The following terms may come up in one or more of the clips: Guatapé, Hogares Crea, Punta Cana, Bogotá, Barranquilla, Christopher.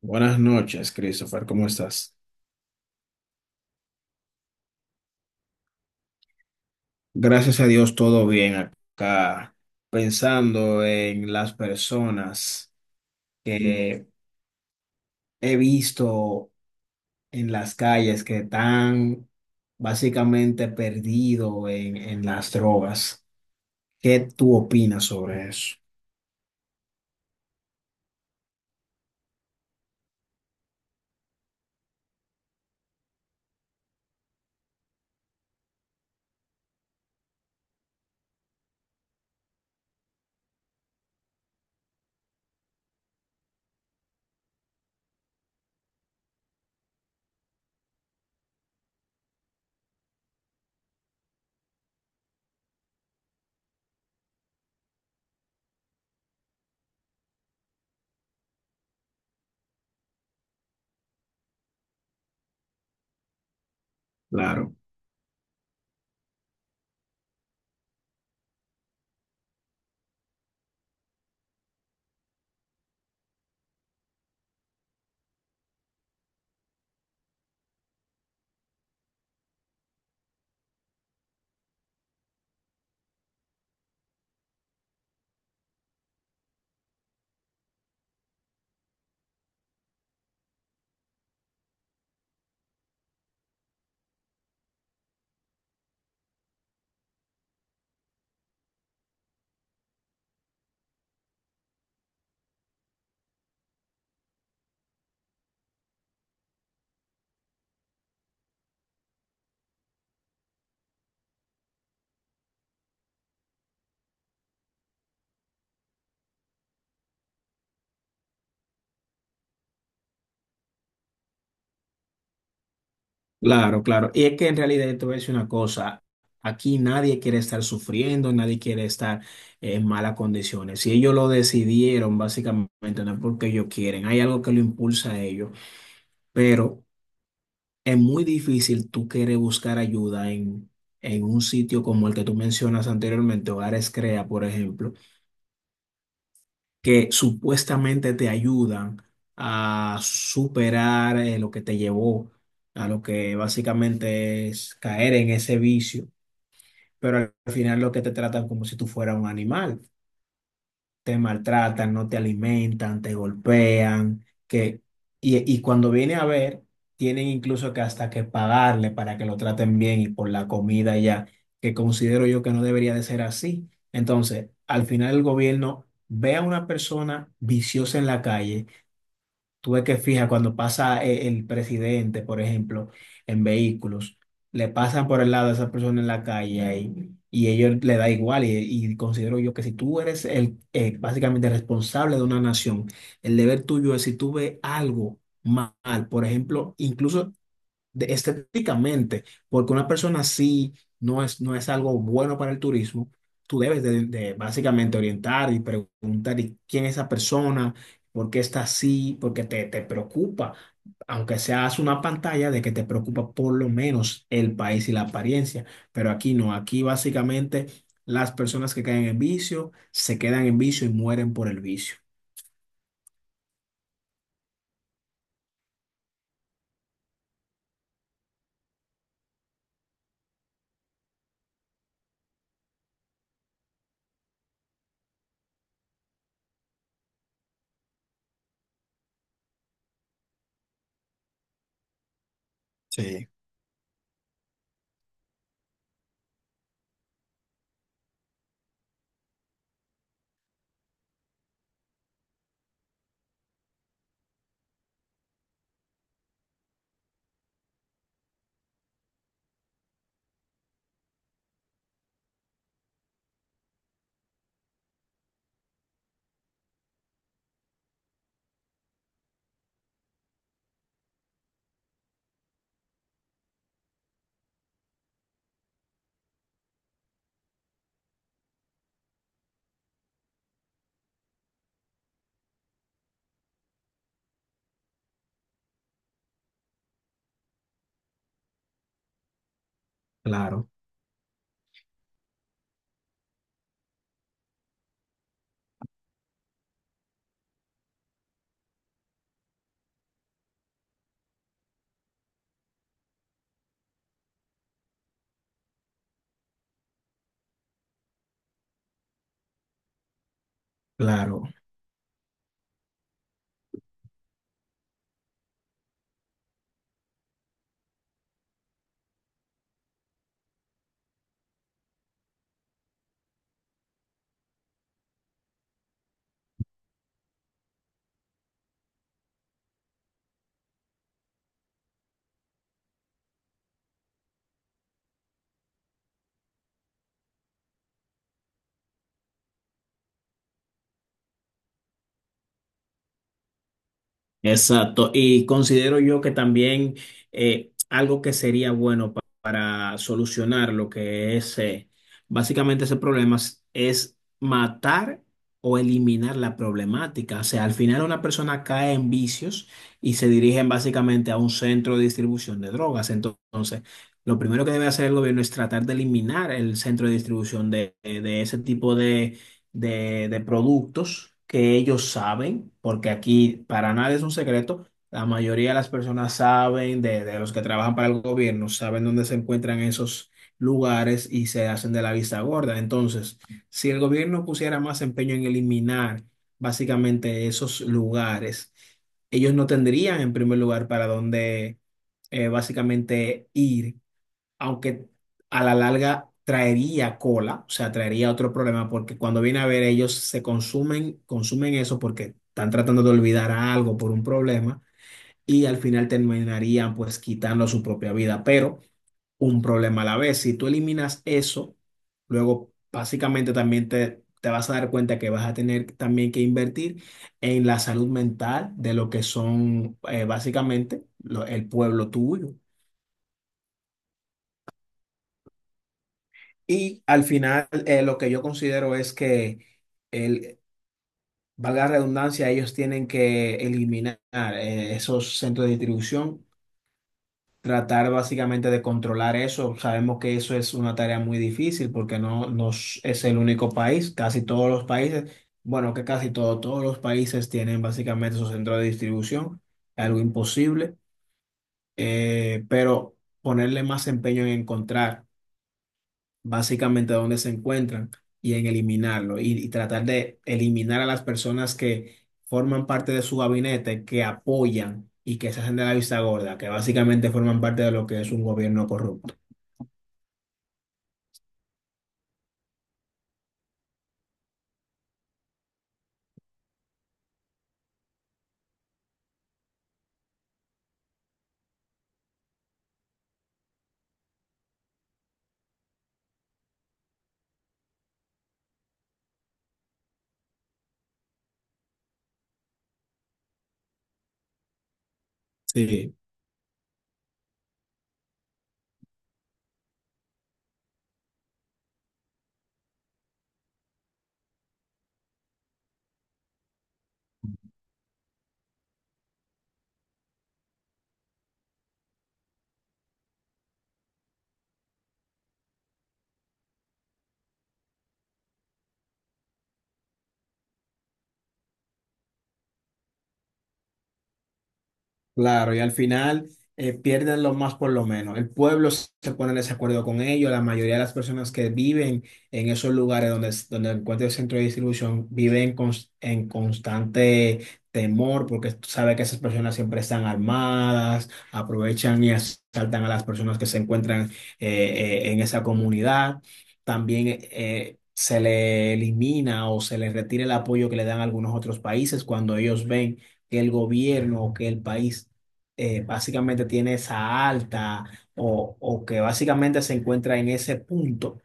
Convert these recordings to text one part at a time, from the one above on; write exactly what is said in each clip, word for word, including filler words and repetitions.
Buenas noches, Christopher, ¿cómo estás? Gracias a Dios, todo bien acá, pensando en las personas que he visto en las calles que están básicamente perdidos en, en las drogas. ¿Qué tú opinas sobre eso? Claro. Claro, claro. Y es que en realidad te voy a decir una cosa, aquí nadie quiere estar sufriendo, nadie quiere estar en malas condiciones. Si ellos lo decidieron, básicamente no es porque ellos quieren, hay algo que lo impulsa a ellos, pero es muy difícil tú querer buscar ayuda en, en un sitio como el que tú mencionas anteriormente, Hogares Crea, por ejemplo, que supuestamente te ayudan a superar eh, lo que te llevó a lo que básicamente es caer en ese vicio. Pero al final lo que te tratan como si tú fueras un animal. Te maltratan, no te alimentan, te golpean, que, y, y cuando viene a ver, tienen incluso que hasta que pagarle para que lo traten bien y por la comida ya, que considero yo que no debería de ser así. Entonces, al final el gobierno ve a una persona viciosa en la calle. Tú ves que fija cuando pasa e- el presidente, por ejemplo, en vehículos, le pasan por el lado a esa persona en la calle y, y ellos le da igual. Y, y considero yo que si tú eres el eh, básicamente responsable de una nación, el deber tuyo es si tú ves algo ma- mal, por ejemplo, incluso de- estéticamente, porque una persona así no es, no es algo bueno para el turismo, tú debes de, de básicamente orientar y preguntar ¿y quién es esa persona, por qué está así? Porque te, te preocupa, aunque seas una pantalla de que te preocupa por lo menos el país y la apariencia, pero aquí no, aquí básicamente las personas que caen en vicio se quedan en vicio y mueren por el vicio. Sí. Claro, claro. Exacto. Y considero yo que también eh, algo que sería bueno pa- para solucionar lo que es eh, básicamente ese problema es es matar o eliminar la problemática. O sea, al final una persona cae en vicios y se dirigen básicamente a un centro de distribución de drogas. Ento- Entonces, lo primero que debe hacer el gobierno es tratar de eliminar el centro de distribución de, de ese tipo de, de productos que ellos saben, porque aquí para nadie es un secreto, la mayoría de las personas saben, de, de los que trabajan para el gobierno, saben dónde se encuentran esos lugares y se hacen de la vista gorda. Entonces, si el gobierno pusiera más empeño en eliminar básicamente esos lugares, ellos no tendrían en primer lugar para dónde eh, básicamente ir, aunque a la larga traería cola, o sea, traería otro problema, porque cuando viene a ver ellos se consumen, consumen eso porque están tratando de olvidar algo por un problema y al final terminarían pues quitando su propia vida, pero un problema a la vez. Si tú eliminas eso, luego básicamente también te... te vas a dar cuenta que vas a tener también que invertir en la salud mental de lo que son eh, básicamente lo- el pueblo tuyo. Y al final, eh, lo que yo considero es que, el, valga la redundancia, ellos tienen que eliminar eh, esos centros de distribución, tratar básicamente de controlar eso. Sabemos que eso es una tarea muy difícil porque no, nos es el único país, casi todos los países, bueno, que casi todo, todos los países tienen básicamente esos centros de distribución, algo imposible, eh, pero ponerle más empeño en encontrar básicamente donde se encuentran y en eliminarlo y, y tratar de eliminar a las personas que forman parte de su gabinete, que apoyan y que se hacen de la vista gorda, que básicamente forman parte de lo que es un gobierno corrupto. Sí. Claro, y al final eh, pierden lo más por lo menos. El pueblo se pone en desacuerdo con ellos. La mayoría de las personas que viven en esos lugares donde, donde encuentra el centro de distribución viven cons- en constante temor porque tú sabes que esas personas siempre están armadas, aprovechan y asaltan a las personas que se encuentran eh, eh, en esa comunidad. También eh, se le elimina o se les retira el apoyo que le dan algunos otros países cuando ellos ven que el gobierno o que el país eh, básicamente tiene esa alta o, o que básicamente se encuentra en ese punto,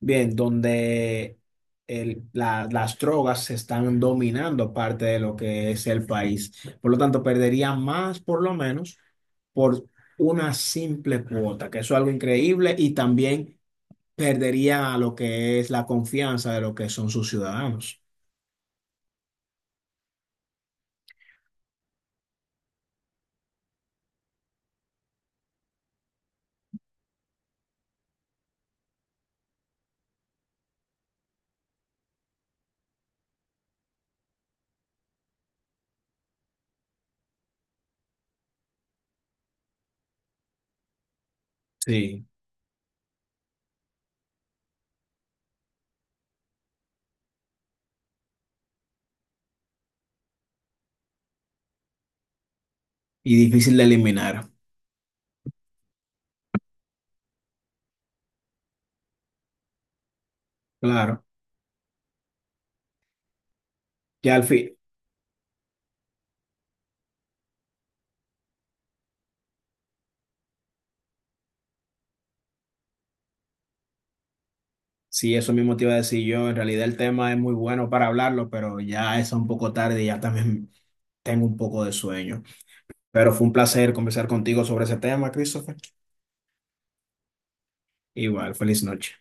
bien, donde el- la- las drogas se están dominando parte de lo que es el país. Por lo tanto, perdería más por lo menos por una simple cuota, que eso es algo increíble y también perdería lo que es la confianza de lo que son sus ciudadanos. Sí, y difícil de eliminar, claro. Ya al fin. Sí, eso mismo te iba a decir yo. En realidad el tema es muy bueno para hablarlo, pero ya es un poco tarde y ya también tengo un poco de sueño. Pero fue un placer conversar contigo sobre ese tema, Christopher. Igual, feliz noche.